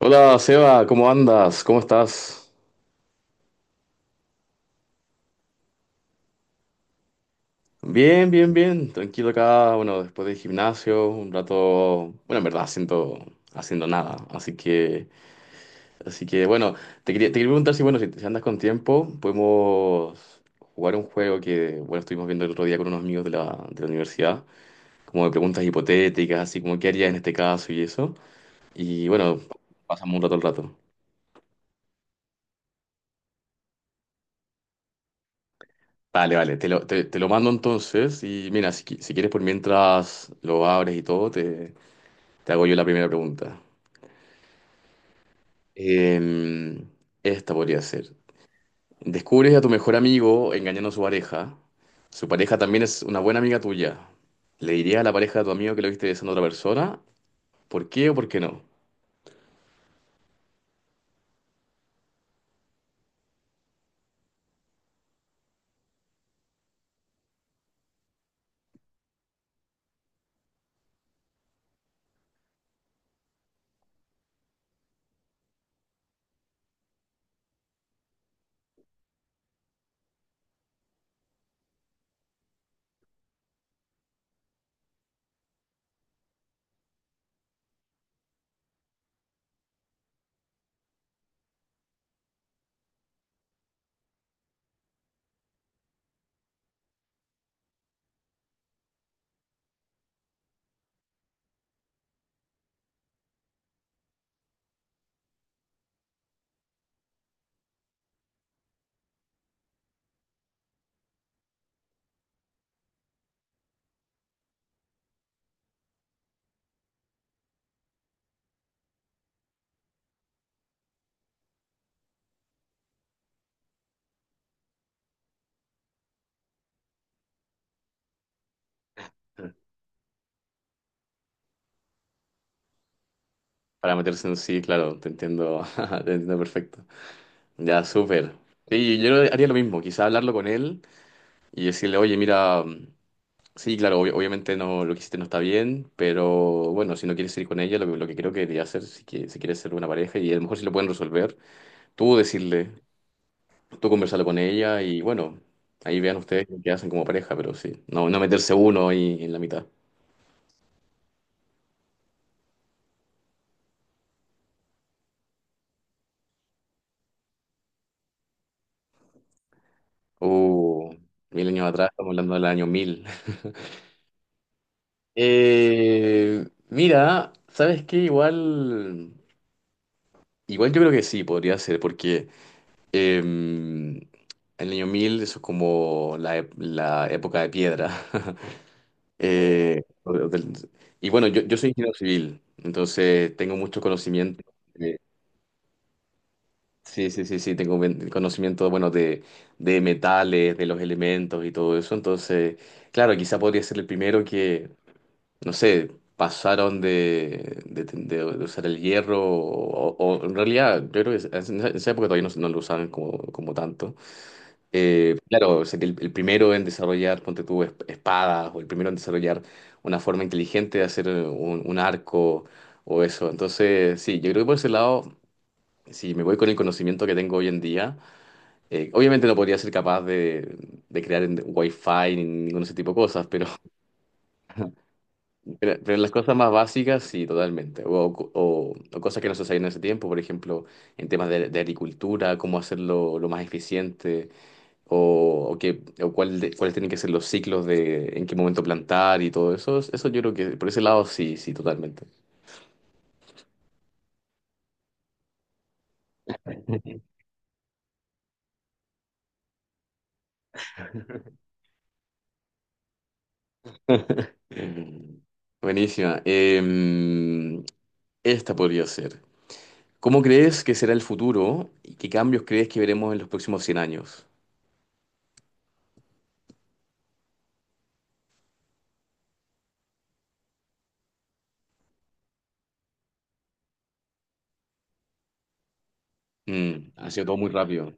Hola Seba, ¿cómo andas? ¿Cómo estás? Bien, bien. Tranquilo acá, bueno, después del gimnasio, un rato, bueno, en verdad haciendo nada. Así que, bueno, te quería preguntar si, bueno, si, si andas con tiempo, podemos jugar un juego que, bueno, estuvimos viendo el otro día con unos amigos de la universidad, como de preguntas hipotéticas, así como qué harías en este caso y eso. Y bueno, pasamos un rato al rato. Vale, vale, te lo mando entonces y mira, si, si quieres por mientras lo abres y todo, te hago yo la primera pregunta. Eh, esta podría ser. Descubres a tu mejor amigo engañando a su pareja. Su pareja también es una buena amiga tuya. ¿Le dirías a la pareja de tu amigo que lo viste besando a otra persona? ¿Por qué o por qué no? Para meterse en sí, claro, te entiendo, te entiendo perfecto. Ya, súper. Sí, yo haría lo mismo, quizá hablarlo con él y decirle, oye, mira... Sí, claro, obviamente no, lo que hiciste no está bien, pero bueno, si no quieres ir con ella, lo que creo que debería hacer, si, que, si quieres ser una pareja, y a lo mejor si lo pueden resolver, tú decirle, tú conversarlo con ella y bueno, ahí vean ustedes qué hacen como pareja, pero sí, no, no meterse uno ahí en la mitad. Uh, mil años atrás, estamos hablando del año mil. Eh, mira, ¿sabes qué? Igual, igual yo creo que sí, podría ser, porque... Em, el año 1000 eso es como la, la época de piedra. O del- y bueno, yo soy ingeniero civil, entonces tengo mucho conocimiento. de- sí, sí, sí, sí, conocimiento, bueno, de metales, de los elementos y todo eso. Entonces, claro, quizá podría ser el primero que, no sé, pasaron de usar el hierro o, o en realidad, yo creo que en esa época todavía no, no lo usaban como, como tanto. Claro, sería el primero en desarrollar, ponte tú, espadas, o el primero en desarrollar una forma inteligente de hacer un arco o eso. Entonces, sí, yo creo que por ese lado, si me voy con el conocimiento que tengo hoy en día, obviamente no podría ser capaz de crear en Wi-Fi ni ningún ese tipo de cosas, pero, pero en las cosas más básicas, sí, totalmente. O, o cosas que no se sabían en ese tiempo, por ejemplo, en temas de agricultura, cómo hacerlo lo más eficiente o, o cuáles tienen que ser los ciclos de en qué momento plantar y todo eso. Eso yo creo que por ese lado sí, sí, totalmente. Mm. Buenísima. Esta podría ser. ¿Cómo crees que será el futuro y qué cambios crees que veremos en los próximos 100 años? Sido todo muy rápido.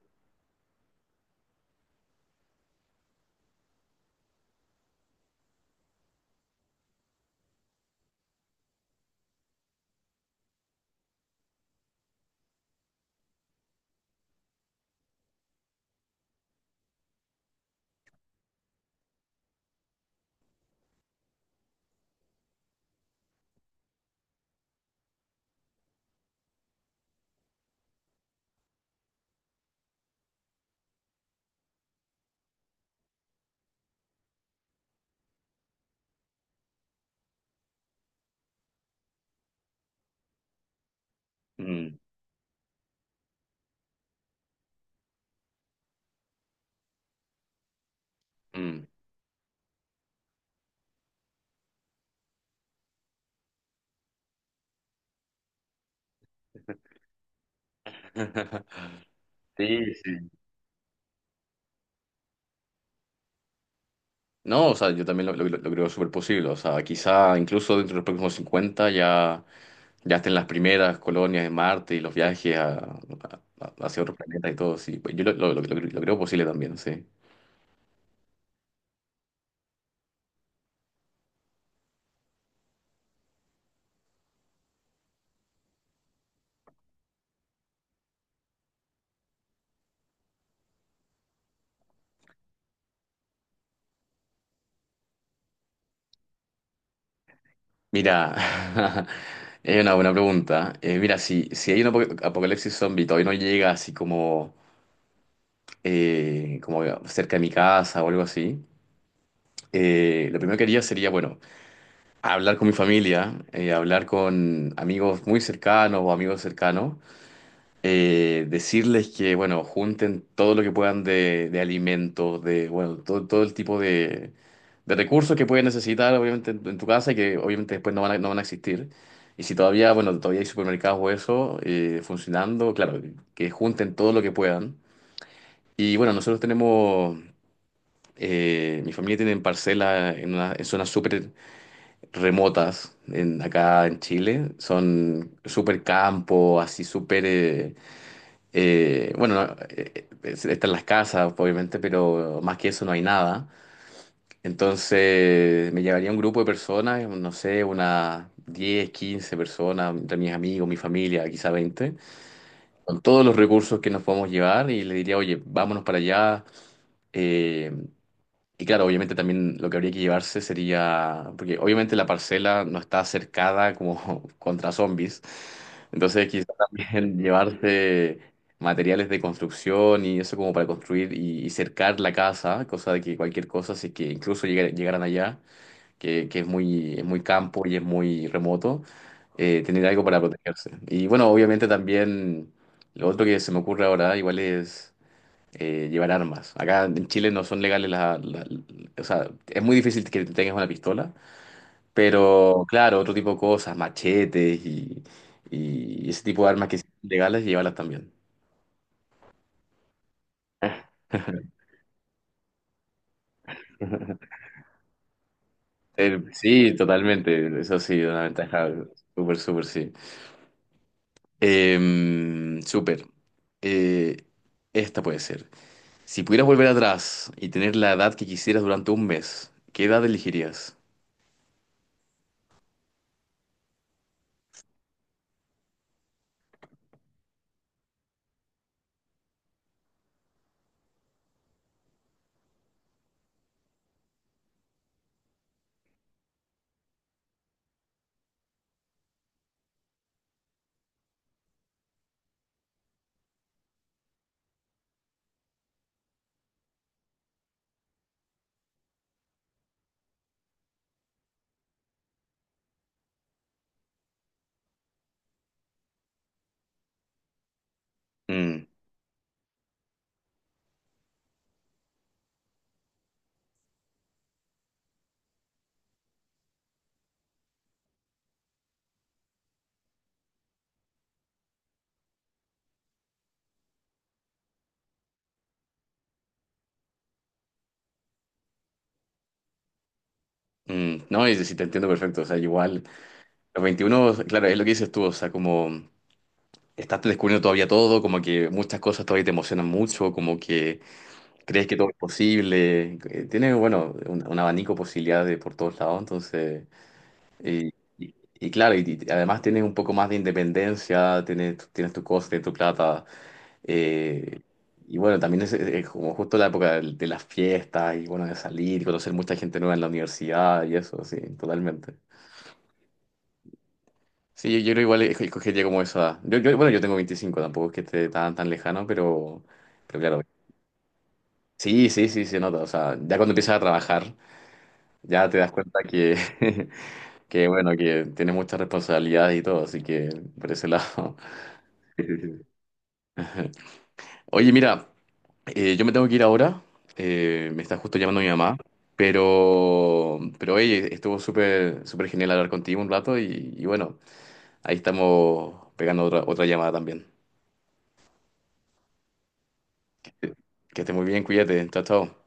Mm, mm. Sí, sí. No, o sea, yo también lo creo súper posible. O sea, quizá incluso dentro de los próximos 50 ya, ya estén las primeras colonias de Marte y los viajes hacia otros planetas y todo. Sí, pues yo lo creo posible también, sí. Mira, es una buena pregunta. Mira, si, si hay un apocalipsis zombie y todavía no llega así como, como cerca de mi casa o algo así, lo primero que haría sería, bueno, hablar con mi familia, hablar con amigos muy cercanos o amigos cercanos decirles que, bueno, junten todo lo que puedan de alimentos, de, bueno, todo, todo el tipo de recursos que pueden necesitar, obviamente, en tu casa y que obviamente después no van a, no van a existir. Y si todavía, bueno, todavía hay supermercados o eso funcionando, claro, que junten todo lo que puedan. Y bueno, nosotros tenemos, mi familia tiene parcelas en, en zonas súper remotas en, acá en Chile. Son súper campo, así súper... bueno, no, están las casas, obviamente, pero más que eso no hay nada. Entonces me llevaría un grupo de personas, no sé, unas 10 15 personas, entre mis amigos, mi familia, quizá 20 con todos los recursos que nos podemos llevar y le diría, oye, vámonos para allá. eh, y claro, obviamente también lo que habría que llevarse sería, porque obviamente la parcela no está cercada como contra zombies, entonces quizás también llevarse materiales de construcción y eso como para construir y cercar la casa, cosa de que cualquier cosa, si es que incluso llegaran allá, que es muy campo y es muy remoto, tener algo para protegerse. Y bueno, obviamente también lo otro que se me ocurre ahora igual es llevar armas. Acá en Chile no son legales las... o sea, es muy difícil que tengas una pistola, pero claro, otro tipo de cosas, machetes y ese tipo de armas que sí son legales, llevarlas también. Sí, totalmente. Eso sí, una ventaja súper, súper, sí. Súper. Eh, esta puede ser. Si pudieras volver atrás y tener la edad que quisieras durante un mes, ¿qué edad elegirías? Mm, mm. No, y si te entiendo perfecto. O sea, igual. Los 21, claro, es lo que dices tú, o sea, como estás descubriendo todavía todo, como que muchas cosas todavía te emocionan mucho, como que crees que todo es posible, tienes, bueno, un abanico de posibilidades por todos lados, entonces, y, y- y claro, y además tienes un poco más de independencia, tienes, tienes tu cosa, tienes tu plata, eh, y bueno, también es como justo la época de las fiestas y bueno, de salir y conocer mucha gente nueva en la universidad y eso, sí, totalmente. Sí, yo creo igual escogería como esa. Edad. Yo, bueno, yo tengo 25 tampoco es que esté tan, tan lejano, pero claro. Sí, sí, sí, se nota. O sea, ya cuando empiezas a trabajar, ya te das cuenta que, que bueno, que tienes muchas responsabilidades y todo, así que por ese lado. Oye, mira, yo me tengo que ir ahora. Me está justo llamando mi mamá. Pero oye, estuvo súper, súper genial hablar contigo un rato y bueno, ahí estamos pegando otra, otra llamada también. Que esté muy bien, cuídate. Chao, chao.